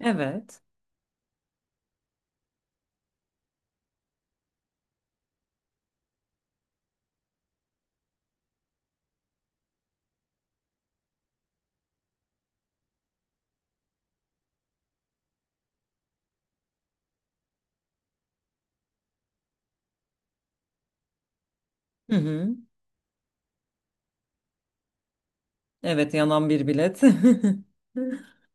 Evet. Hı hı. Evet, yanan bir bilet.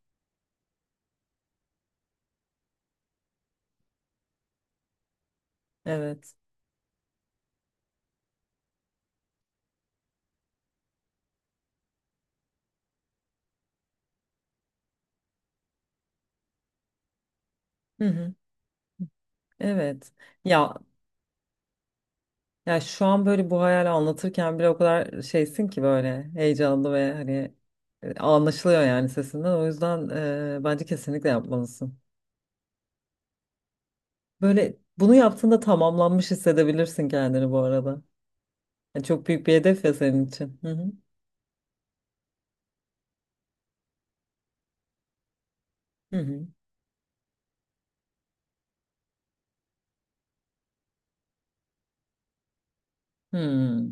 Evet. Hı hı. Evet. Ya ya, şu an böyle bu hayali anlatırken bile o kadar şeysin ki böyle heyecanlı ve hani anlaşılıyor yani sesinden. O yüzden bence kesinlikle yapmalısın. Böyle bunu yaptığında tamamlanmış hissedebilirsin kendini bu arada. Yani çok büyük bir hedef ya senin için. Hı hı. Hı hı. Hı hı.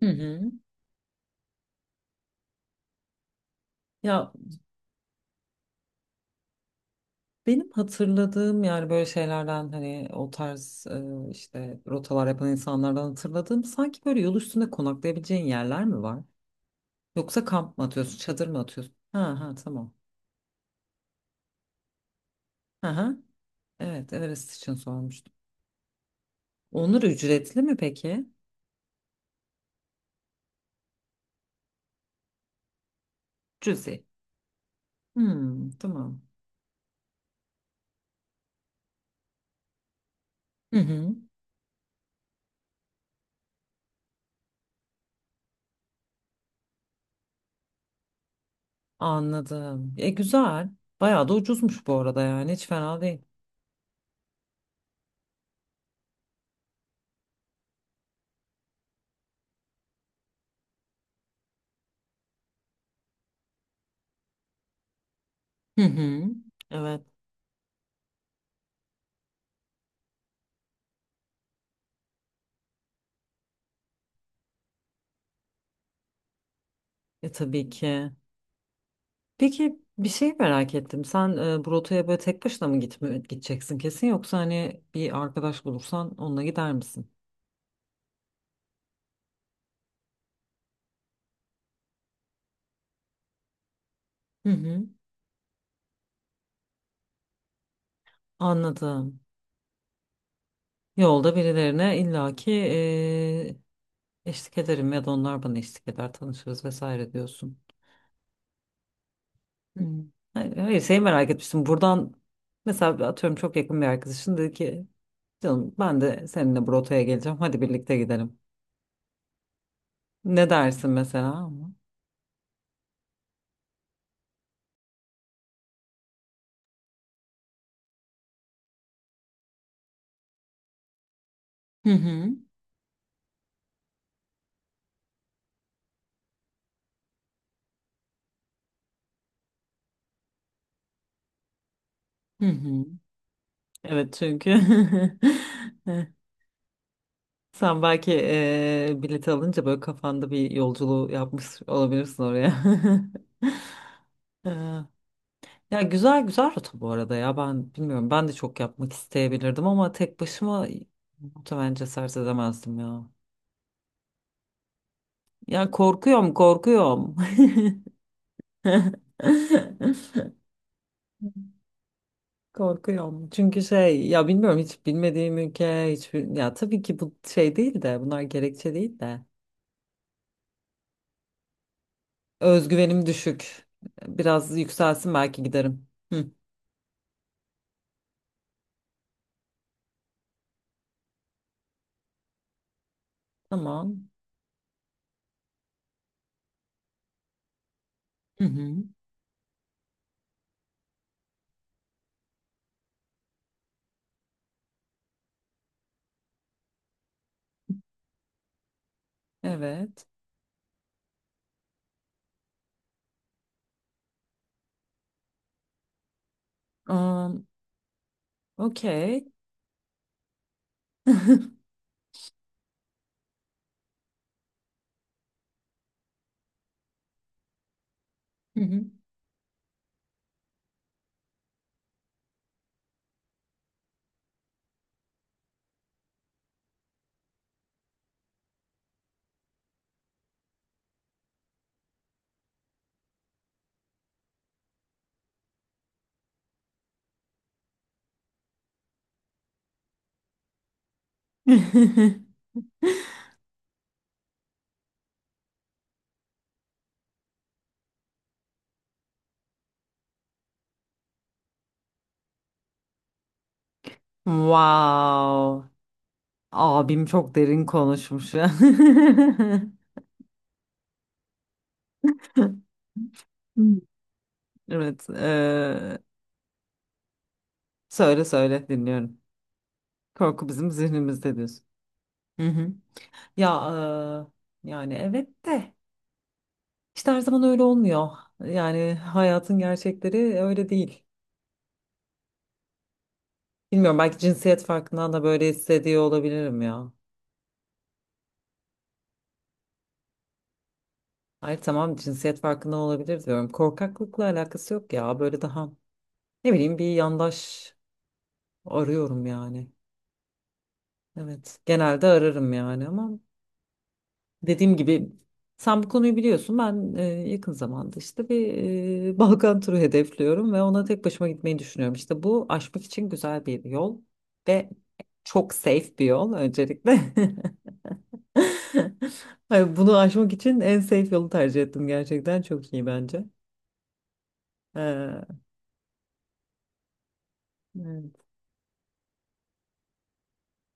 Hı hı. Ya, benim hatırladığım yani böyle şeylerden hani o tarz işte rotalar yapan insanlardan hatırladığım sanki böyle yol üstünde konaklayabileceğin yerler mi var? Yoksa kamp mı atıyorsun, çadır mı atıyorsun? Ha ha, tamam. Ha ha. Evet, Everest için sormuştum. Onlar ücretli mi peki? Cüzi. Hmm, tamam. Hı hı. Anladım. E güzel. Bayağı da ucuzmuş bu arada, yani hiç fena değil. Hı hı. Evet. E tabii ki. Peki bir şey merak ettim. Sen bu rotaya böyle tek başına mı gitme, gideceksin kesin, yoksa hani bir arkadaş bulursan onunla gider misin? Hı hı. Anladım. Yolda birilerine illaki eşlik ederim ya da onlar bana eşlik eder, tanışırız vesaire diyorsun. Hı. Hayır, hayır, şeyi merak etmiştim. Buradan mesela atıyorum çok yakın bir arkadaşın dedi ki canım ben de seninle bu rotaya geleceğim. Hadi birlikte gidelim. Ne dersin mesela? Hı hı. Hı hı. Evet çünkü sen belki bilet alınca böyle kafanda bir yolculuğu yapmış olabilirsin oraya. Eee, ya, güzel rota bu arada ya, ben bilmiyorum, ben de çok yapmak isteyebilirdim ama tek başıma muhtemelen cesaret edemezdim ya. Ya, korkuyorum. Korkuyorum. Çünkü şey ya, bilmiyorum, hiç bilmediğim ülke, ya tabii ki bu şey değil de, bunlar gerekçe değil de. Özgüvenim düşük. Biraz yükselsin belki giderim. Hı, tamam. Hı hı. Evet. Um, okey. Hı hı. Wow. Abim çok derin konuşmuş ya. Hmm. Evet. Söyle söyle, dinliyorum. Korku bizim zihnimizde diyorsun. Hı hı. Ya, yani evet de işte her zaman öyle olmuyor. Yani hayatın gerçekleri öyle değil. Bilmiyorum, belki cinsiyet farkından da böyle hissediyor olabilirim ya. Hayır tamam, cinsiyet farkından olabilir diyorum. Korkaklıkla alakası yok ya. Böyle daha ne bileyim, bir yandaş arıyorum yani. Evet genelde ararım yani, ama dediğim gibi sen bu konuyu biliyorsun. Ben yakın zamanda işte bir Balkan turu hedefliyorum ve ona tek başıma gitmeyi düşünüyorum. İşte bu aşmak için güzel bir yol ve çok safe bir yol öncelikle. Hayır, bunu aşmak için en safe yolu tercih ettim gerçekten. Çok iyi bence. Ee, evet.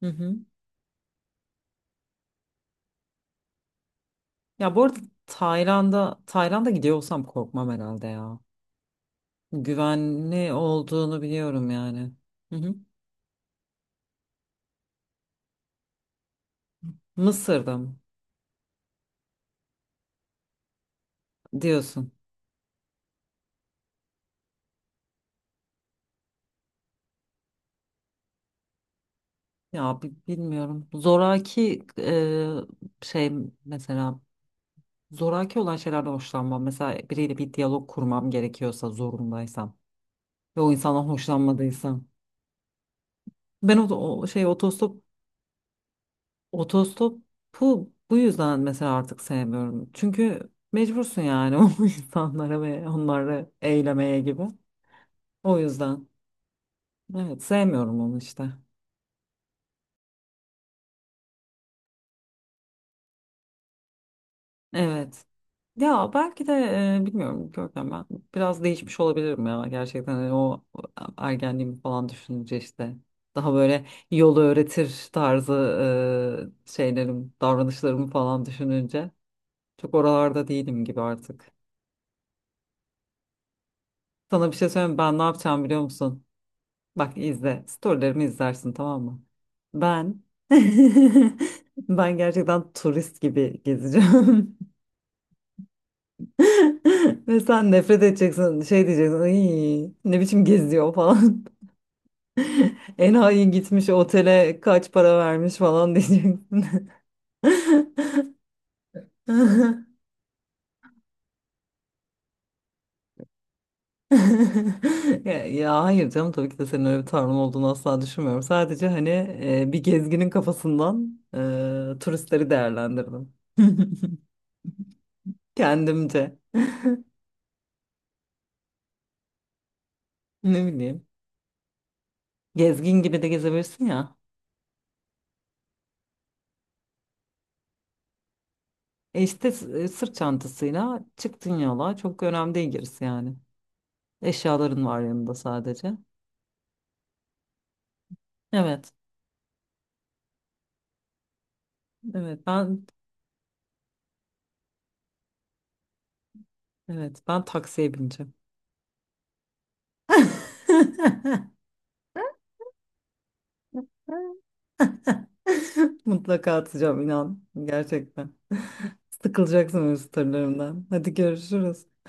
Hı hı. Ya bu arada Tayland'a gidiyor olsam korkmam herhalde ya. Güvenli olduğunu biliyorum yani. Hı hı. Mısır'da mı diyorsun? Ya, bilmiyorum. Zoraki şey, mesela zoraki olan şeylerden hoşlanmam. Mesela biriyle bir diyalog kurmam gerekiyorsa, zorundaysam ve o insandan hoşlanmadıysam. Ben o, o şey otostop. Otostopu bu yüzden mesela artık sevmiyorum. Çünkü mecbursun yani o insanlara ve onları eylemeye gibi. O yüzden. Evet, sevmiyorum onu işte. Evet. Ya belki de bilmiyorum Görkem, ben biraz değişmiş olabilirim ya gerçekten, hani o ergenliğimi falan düşününce işte daha böyle yolu öğretir tarzı şeylerim, davranışlarımı falan düşününce çok oralarda değilim gibi artık. Sana bir şey söyleyeyim mi? Ben ne yapacağım biliyor musun? Bak izle. Storylerimi izlersin tamam mı? Ben ben gerçekten turist gibi gezeceğim. Ve sen nefret edeceksin. Şey diyeceksin. Ay, ne biçim geziyor falan. Enayi gitmiş otele kaç para vermiş falan diyeceksin. Ya, ya hayır canım, tabii ki de senin öyle bir tavrın olduğunu asla düşünmüyorum. Sadece hani bir gezginin kafasından turistleri değerlendirdim. Kendimce. Ne bileyim. Gezgin gibi de gezebilirsin ya. E işte sırt çantasıyla çıktın yola. Çok önemli değil gerisi yani. Eşyaların var yanında sadece. Evet. Evet ben evet ben taksiye bineceğim. Mutlaka atacağım inan. Gerçekten. Sıkılacaksın benim storylerimden. Hadi görüşürüz.